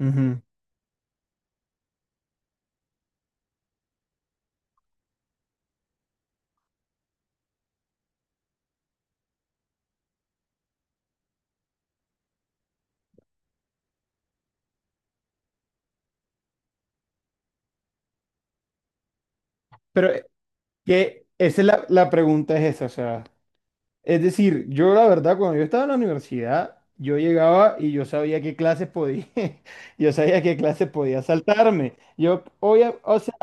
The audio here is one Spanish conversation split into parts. Ujú. Pero que esa es la pregunta es esa, o sea, es decir, yo la verdad, cuando yo estaba en la universidad, yo llegaba y yo sabía qué clases podía, yo sabía qué clases podía saltarme. Yo, o sea,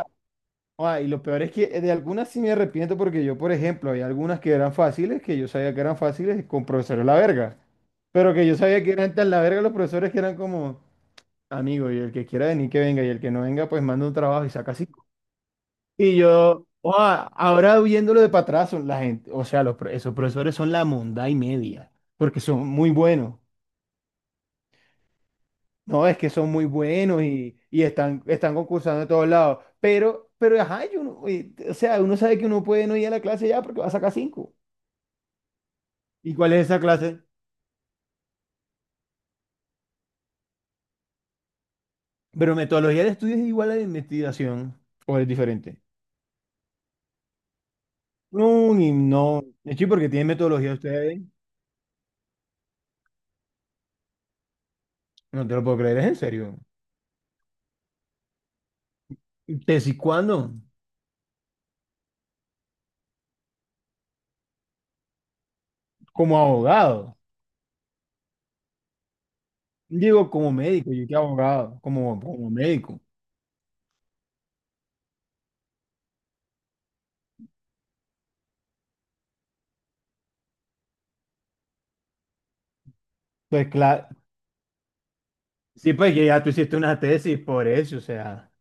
y lo peor es que de algunas sí me arrepiento porque yo, por ejemplo, hay algunas que eran fáciles, que yo sabía que eran fáciles con profesores la verga, pero que yo sabía que eran tan la verga los profesores que eran como, amigo, y el que quiera venir que venga, y el que no venga, pues manda un trabajo y saca así. Y yo, oh, ahora viéndolo de para atrás, son la gente, o sea, esos profesores son la monda y media, porque son muy buenos. No, es que son muy buenos y están concursando de todos lados. Pero, ajá, o sea, uno sabe que uno puede no ir a la clase ya porque va a sacar cinco. ¿Y cuál es esa clase? Pero metodología de estudio es igual a la de investigación, o es diferente. No, no. De hecho, ¿porque tiene metodología ustedes? No te lo puedo creer, es en serio. ¿Tesis cuándo? Como abogado. Digo, como médico, yo que abogado, como médico. Pues claro, sí, pues que ya tú hiciste una tesis por eso, o sea.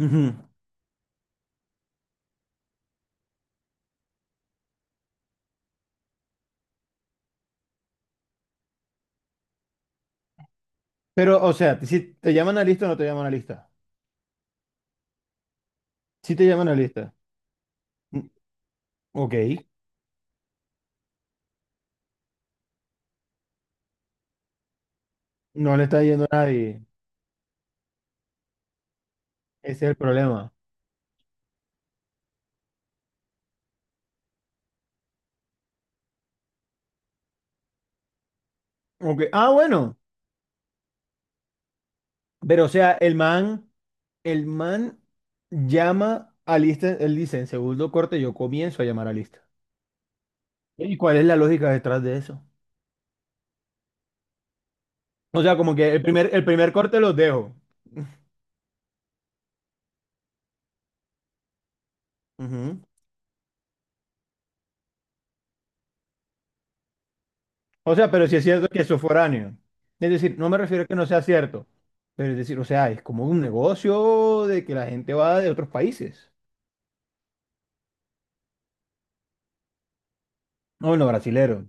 Ujú. Pero, o sea, si te llaman a lista o no te llaman a lista. Si te llaman a lista. Mm. Ok, no le está yendo a nadie. Ese es el problema. Ok, ah, bueno. Pero, o sea, el man llama a lista, él dice, en segundo corte yo comienzo a llamar a lista. ¿Y cuál es la lógica detrás de eso? O sea, como que el primer corte los dejo. Ujú. O sea, pero si es cierto que eso es foráneo. Es decir, no me refiero a que no sea cierto, pero es decir, o sea, es como un negocio de que la gente va de otros países. No, bueno, brasilero.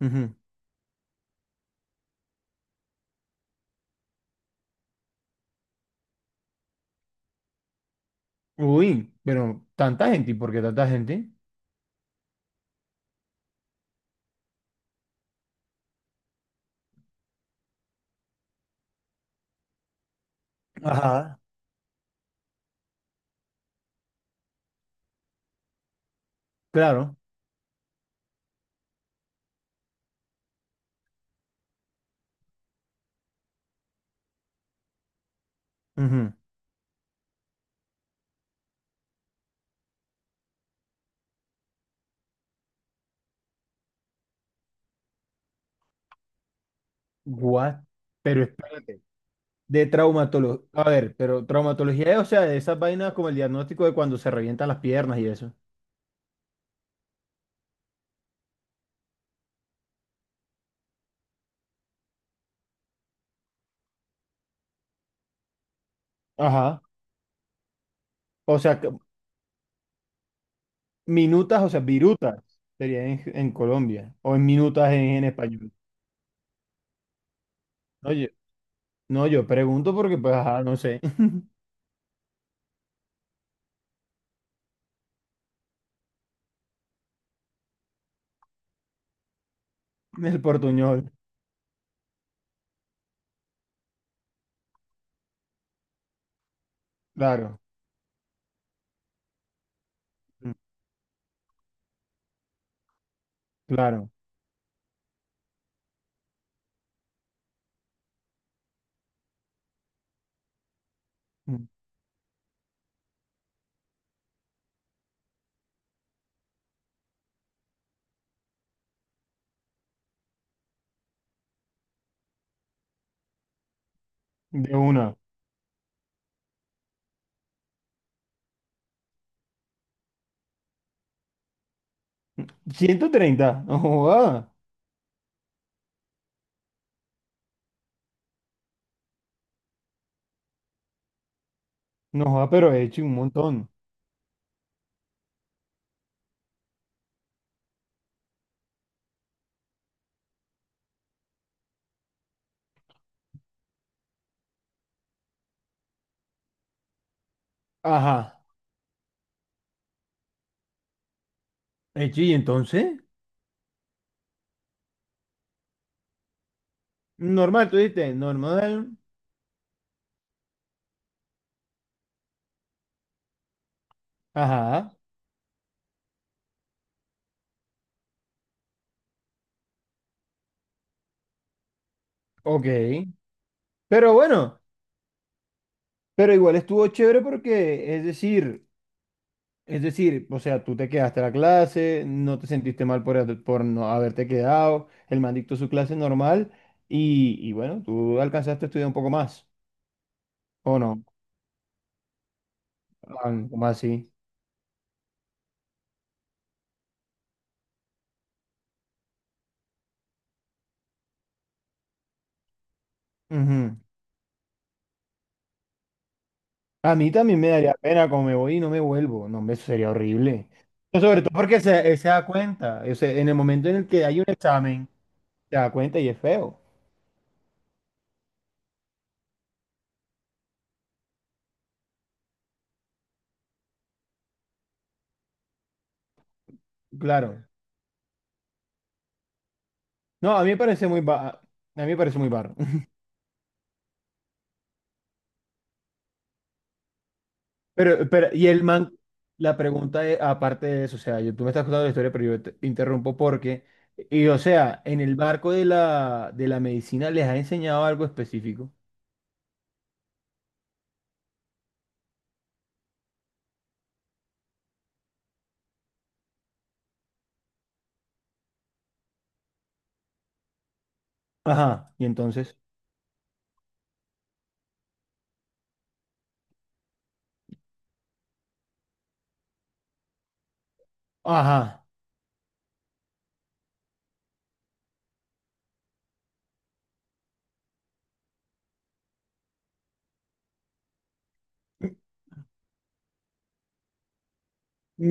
Ujú. Uy, pero tanta gente, ¿y por qué tanta gente? Ajá. Claro. Ujú. What? Pero espérate. De traumatología. A ver, pero traumatología es, o sea, de esas vainas como el diagnóstico de cuando se revientan las piernas y eso. Ajá. O sea, minutas, o sea, virutas sería en Colombia, o en minutas en español. No, yo, no, yo pregunto porque, pues, ajá, no sé. El portuñol. Claro. Mm. Claro. Mm. De una. 130. No joda. No joda, pero he hecho un montón. Ajá. Hecho, y entonces. Normal, tú dijiste, normal. Ajá. Ok. Pero bueno, pero igual estuvo chévere porque, es decir. Es decir, o sea, tú te quedaste a la clase, no te sentiste mal por no haberte quedado, el man dictó su clase normal y bueno, tú alcanzaste a estudiar un poco más, ¿o no? Man, ¿cómo así? Ujú. A mí también me daría pena como me voy y no me vuelvo, no, hombre, eso sería horrible. Pero sobre todo porque él se da cuenta, o sea, en el momento en el que hay un examen, se da cuenta y es feo, claro. No, a mí me parece muy barro. Pero, y la pregunta es, aparte de eso, o sea, yo, tú me estás contando la historia, pero yo te interrumpo porque, y o sea, en el barco de la medicina les ha enseñado algo específico. Ajá, y entonces, ajá.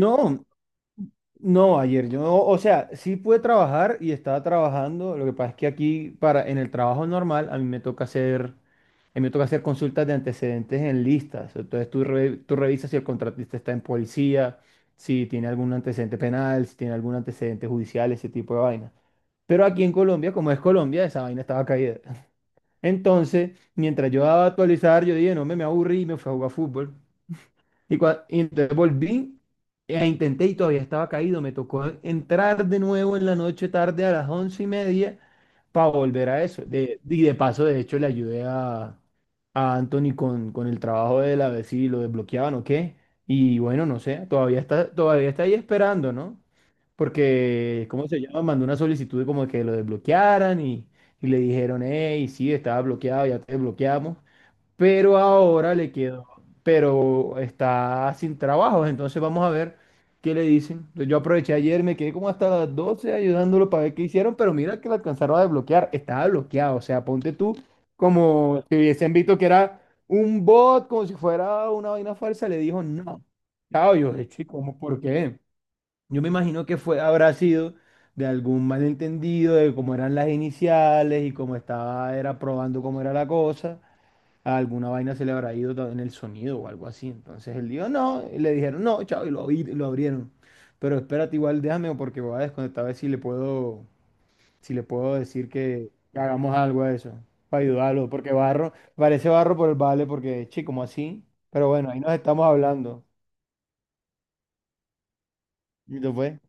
No, No, ayer yo, o sea, sí pude trabajar y estaba trabajando. Lo que pasa es que aquí para en el trabajo normal a mí me toca hacer, a mí me toca hacer consultas de antecedentes en listas. Entonces tú, tú revisas si el contratista está en policía, si tiene algún antecedente penal, si tiene algún antecedente judicial, ese tipo de vaina. Pero aquí en Colombia, como es Colombia, esa vaina estaba caída. Entonces, mientras yo daba a actualizar, yo dije, no me, me aburrí y me fui a jugar fútbol. Y entonces volví, e intenté y todavía estaba caído. Me tocó entrar de nuevo en la noche tarde a las 11:30 para volver a eso. Y de paso, de hecho, le ayudé a Anthony con el trabajo de él a ver si lo desbloqueaban o qué. Y bueno, no sé, todavía está ahí esperando, ¿no? Porque, ¿cómo se llama? Mandó una solicitud como de que lo desbloquearan y le dijeron, hey, sí, estaba bloqueado, ya te desbloqueamos, pero ahora le quedó, pero está sin trabajo, entonces vamos a ver qué le dicen. Yo aproveché ayer, me quedé como hasta las 12 ayudándolo para ver qué hicieron, pero mira que lo alcanzaron a desbloquear, estaba bloqueado, o sea, ponte tú como si hubiesen visto que era un bot, como si fuera una vaina falsa, le dijo no. Chao, yo, chico, ¿cómo, por qué? Yo me imagino que fue, habrá sido de algún malentendido de cómo eran las iniciales y cómo estaba, era probando cómo era la cosa, alguna vaina se le habrá ido en el sonido o algo así. Entonces él dijo, no, y le dijeron, no, chao, y lo abrieron. Pero espérate, igual déjame porque voy a desconectar a ver si le puedo, decir que hagamos algo a eso, para ayudarlo, porque barro, parece barro por el vale, porque, che, como así. Pero bueno, ahí nos estamos hablando. Y te fue.